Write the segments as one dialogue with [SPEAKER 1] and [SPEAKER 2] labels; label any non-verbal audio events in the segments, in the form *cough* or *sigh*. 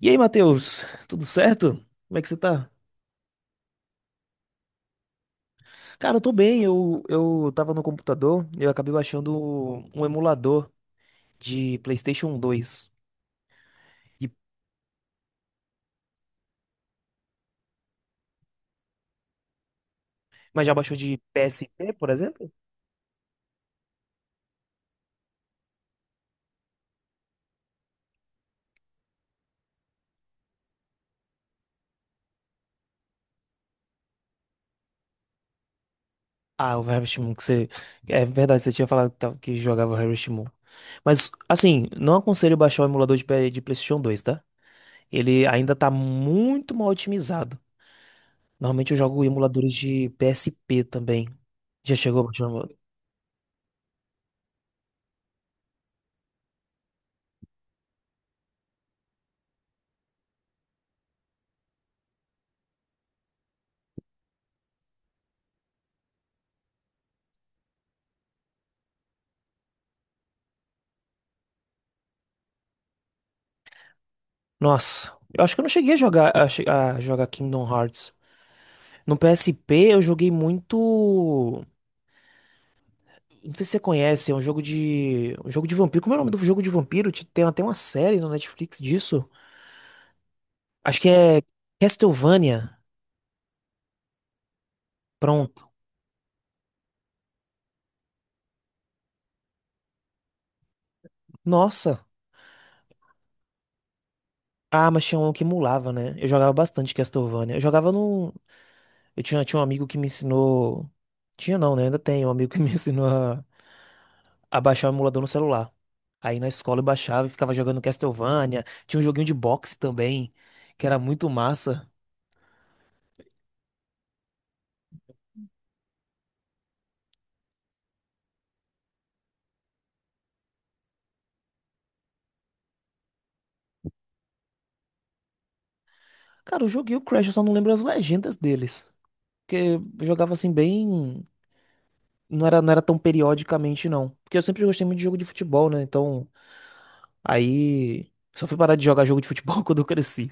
[SPEAKER 1] E aí, Matheus, tudo certo? Como é que você tá? Cara, eu tô bem. Eu tava no computador e eu acabei baixando um emulador de PlayStation 2. E- Mas já baixou de PSP, por exemplo? Ah, o Harvest Moon, que você. É verdade, você tinha falado que que jogava o Harvest Moon. Mas, assim, não aconselho baixar o emulador de, de PlayStation 2, tá? Ele ainda tá muito mal otimizado. Normalmente eu jogo emuladores de PSP também. Já chegou a baixar um... Nossa, eu acho que eu não cheguei a jogar a jogar Kingdom Hearts. No PSP eu joguei muito. Não sei se você conhece, é um jogo de. Um jogo de vampiro. Como é o nome do jogo de vampiro? Tem até uma série no Netflix disso. Acho que é Castlevania. Pronto. Nossa. Ah, mas tinha um que emulava, né? Eu jogava bastante Castlevania. Eu jogava num. Eu tinha um amigo que me ensinou. Tinha não, né? Ainda tem um amigo que *laughs* me ensinou a baixar o emulador no celular. Aí na escola eu baixava e ficava jogando Castlevania. Tinha um joguinho de boxe também, que era muito massa. Cara, eu joguei o Crash, eu só não lembro as legendas deles. Porque eu jogava assim bem. Não era tão periodicamente, não. Porque eu sempre gostei muito de jogo de futebol, né? Então, aí. Só fui parar de jogar jogo de futebol *laughs* quando eu cresci.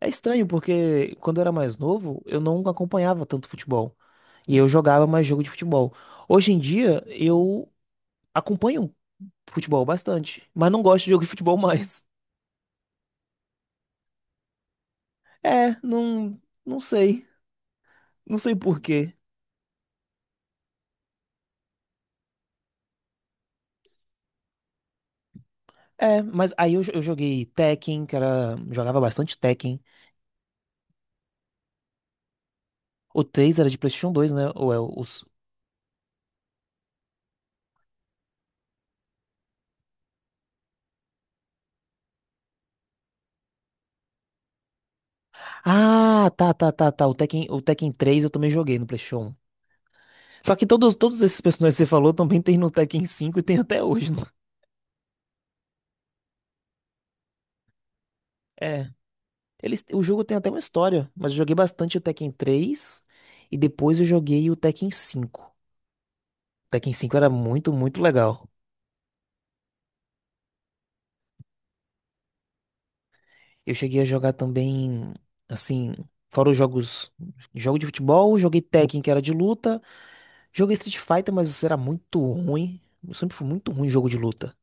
[SPEAKER 1] É estranho, porque quando eu era mais novo, eu não acompanhava tanto futebol. E eu jogava mais jogo de futebol. Hoje em dia, eu acompanho futebol bastante, mas não gosto de jogo de *laughs* futebol mais. É, não, não sei por quê. É, mas aí eu joguei Tekken, que era, jogava bastante Tekken. O 3 era de PlayStation 2, né? Ou é os Ah, tá, tá, tá, tá. O Tekken três eu também joguei no PlayStation 1. Só que todos esses personagens que você falou também tem no Tekken cinco e tem até hoje, né? É. Eles, o jogo tem até uma história, mas eu joguei bastante o Tekken três e depois eu joguei o Tekken cinco. O Tekken cinco era muito, muito legal. Eu cheguei a jogar também, assim, fora os jogos, jogo de futebol, joguei Tekken, que era de luta, joguei Street Fighter, mas isso era muito ruim. Eu sempre fui muito ruim em jogo de luta.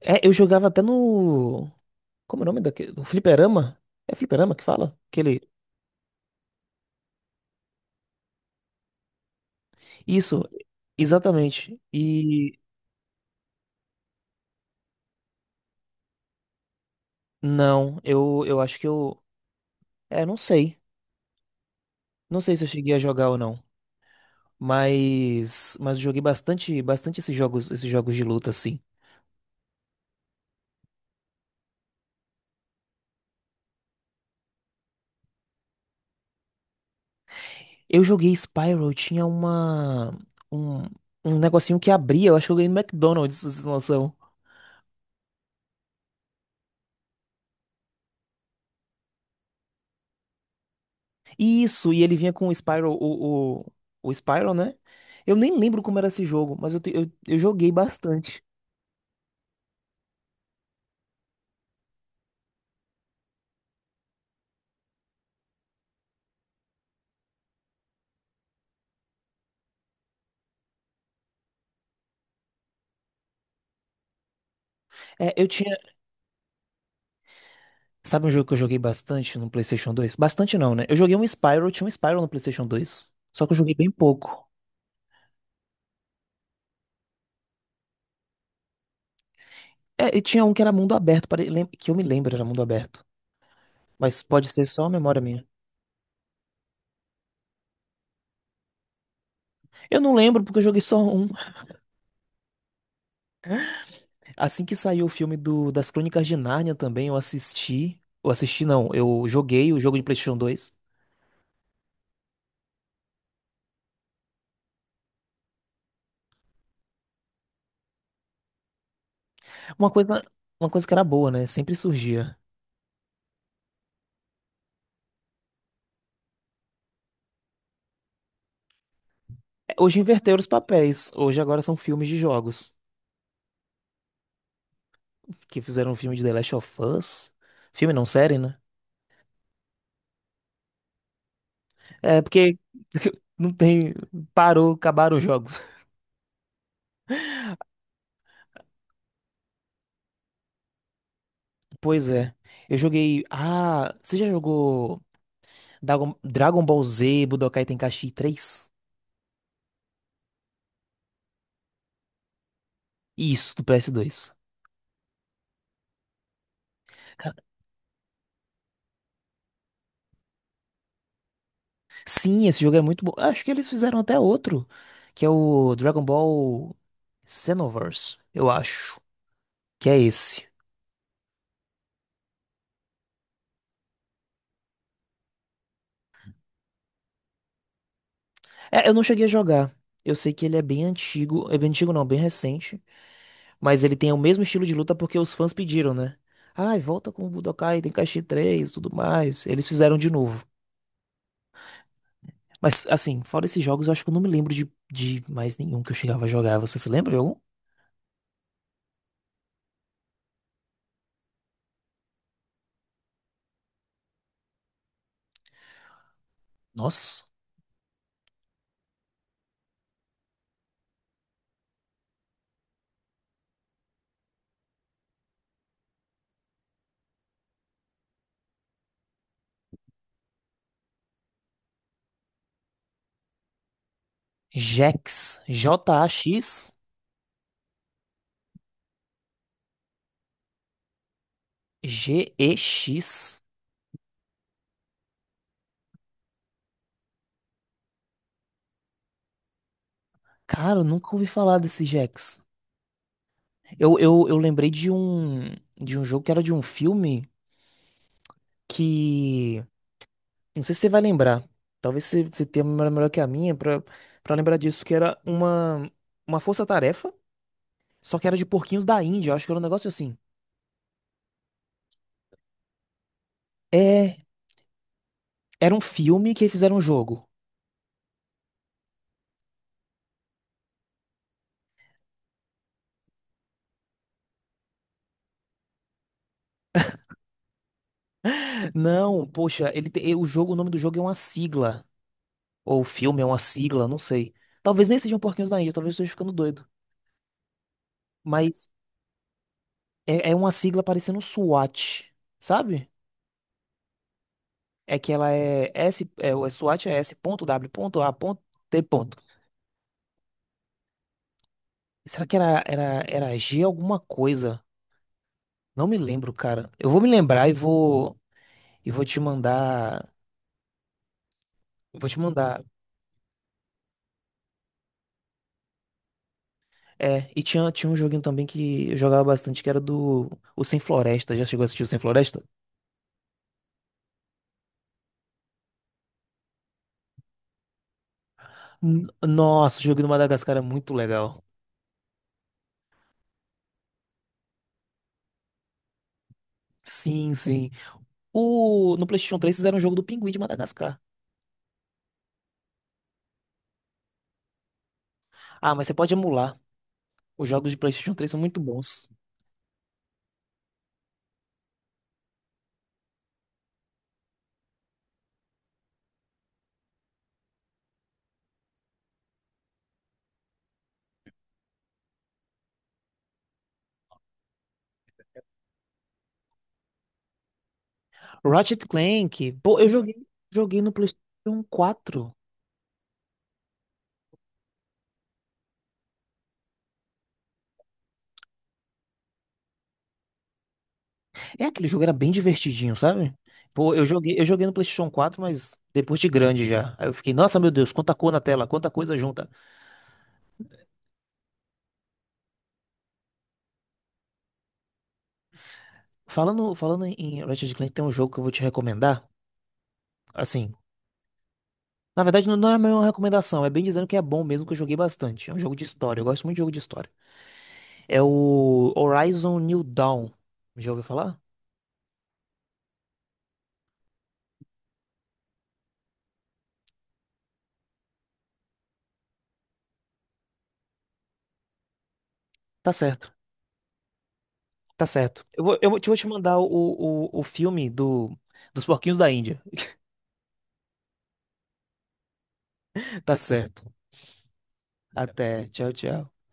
[SPEAKER 1] É, eu jogava até no, como é o nome daquele, no fliperama? É fliperama que fala? Aquele, isso, exatamente. E não, eu acho que eu, é, não sei. Não sei se eu cheguei a jogar ou não, mas eu joguei bastante, bastante esses jogos de luta assim. Eu joguei Spyro, tinha uma. Um, um negocinho que abria, eu acho que eu ganhei no McDonald's, pra vocês terem noção. Isso, e ele vinha com o Spyro, o Spyro, né? Eu nem lembro como era esse jogo, mas eu joguei bastante. É, eu tinha. Sabe um jogo que eu joguei bastante no PlayStation 2? Bastante não, né? Eu joguei um Spyro, tinha um Spyro no PlayStation 2. Só que eu joguei bem pouco. É, e tinha um que era mundo aberto, que eu me lembro era mundo aberto. Mas pode ser só a memória minha. Eu não lembro porque eu joguei só um. Assim que saiu o filme do, das Crônicas de Nárnia também, eu assisti. Eu assisti, não, eu joguei o jogo de PlayStation 2. Uma coisa, uma coisa que era boa, né? Sempre surgia. É, hoje inverteram os papéis. Hoje agora são filmes de jogos. Que fizeram um filme de The Last of Us. Filme não, série, né? É, porque *laughs* não tem. Parou, acabaram os jogos. Pois é. Eu joguei. Ah, você já jogou Dragon Ball Z Budokai Tenkaichi 3? Isso, do PS2. Sim, esse jogo é muito bom. Acho que eles fizeram até outro, que é o Dragon Ball Xenoverse, eu acho. Que é esse. É, eu não cheguei a jogar. Eu sei que ele é bem antigo. É bem antigo não, bem recente. Mas ele tem o mesmo estilo de luta porque os fãs pediram, né? Ai, volta com o Budokai Tenkaichi 3 e tudo mais. Eles fizeram de novo. Mas, assim, fora esses jogos, eu acho que eu não me lembro de mais nenhum que eu chegava a jogar. Você se lembra de algum? Nossa. Jax. J-A-X. G-E-X. Cara, eu nunca ouvi falar desse Jax. Eu lembrei de um jogo que era de um filme que. Não sei se você vai lembrar. Talvez você tenha uma memória melhor que a minha pra lembrar disso, que era uma, força-tarefa, só que era de porquinhos da Índia. Eu acho que era um negócio assim. É. Era um filme que fizeram um jogo. Não, poxa, o jogo, o nome do jogo é uma sigla. Ou o filme é uma sigla, não sei. Talvez nem sejam porquinhos da Índia, talvez eu esteja ficando doido. Mas é uma sigla parecendo SWAT, sabe? É que ela é S, é, o SWAT é S.W.A.T. Será que era G alguma coisa? Não me lembro, cara. Eu vou me lembrar e vou te mandar, vou te mandar. É, e tinha um joguinho também que eu jogava bastante, que era do o Sem Floresta. Já chegou a assistir o Sem Floresta? Nossa, o jogo do Madagascar é muito legal. Sim, sim. No PlayStation 3 fizeram um jogo do Pinguim de Madagascar. Ah, mas você pode emular. Os jogos de PlayStation 3 são muito bons. Ratchet Clank, pô, joguei no PlayStation 4. É aquele jogo era bem divertidinho, sabe? Pô, eu joguei no PlayStation 4, mas depois de grande já. Aí eu fiquei, nossa, meu Deus, quanta cor na tela, quanta coisa junta. Falando em Ratchet Clank, tem um jogo que eu vou te recomendar. Assim, na verdade não é uma recomendação, é bem dizendo que é bom mesmo que eu joguei bastante. É um jogo de história, eu gosto muito de jogo de história. É o Horizon New Dawn. Já ouviu falar? Tá certo. Tá certo. Eu vou te mandar o filme dos porquinhos da Índia. *laughs* Tá certo. Até. Tchau, tchau.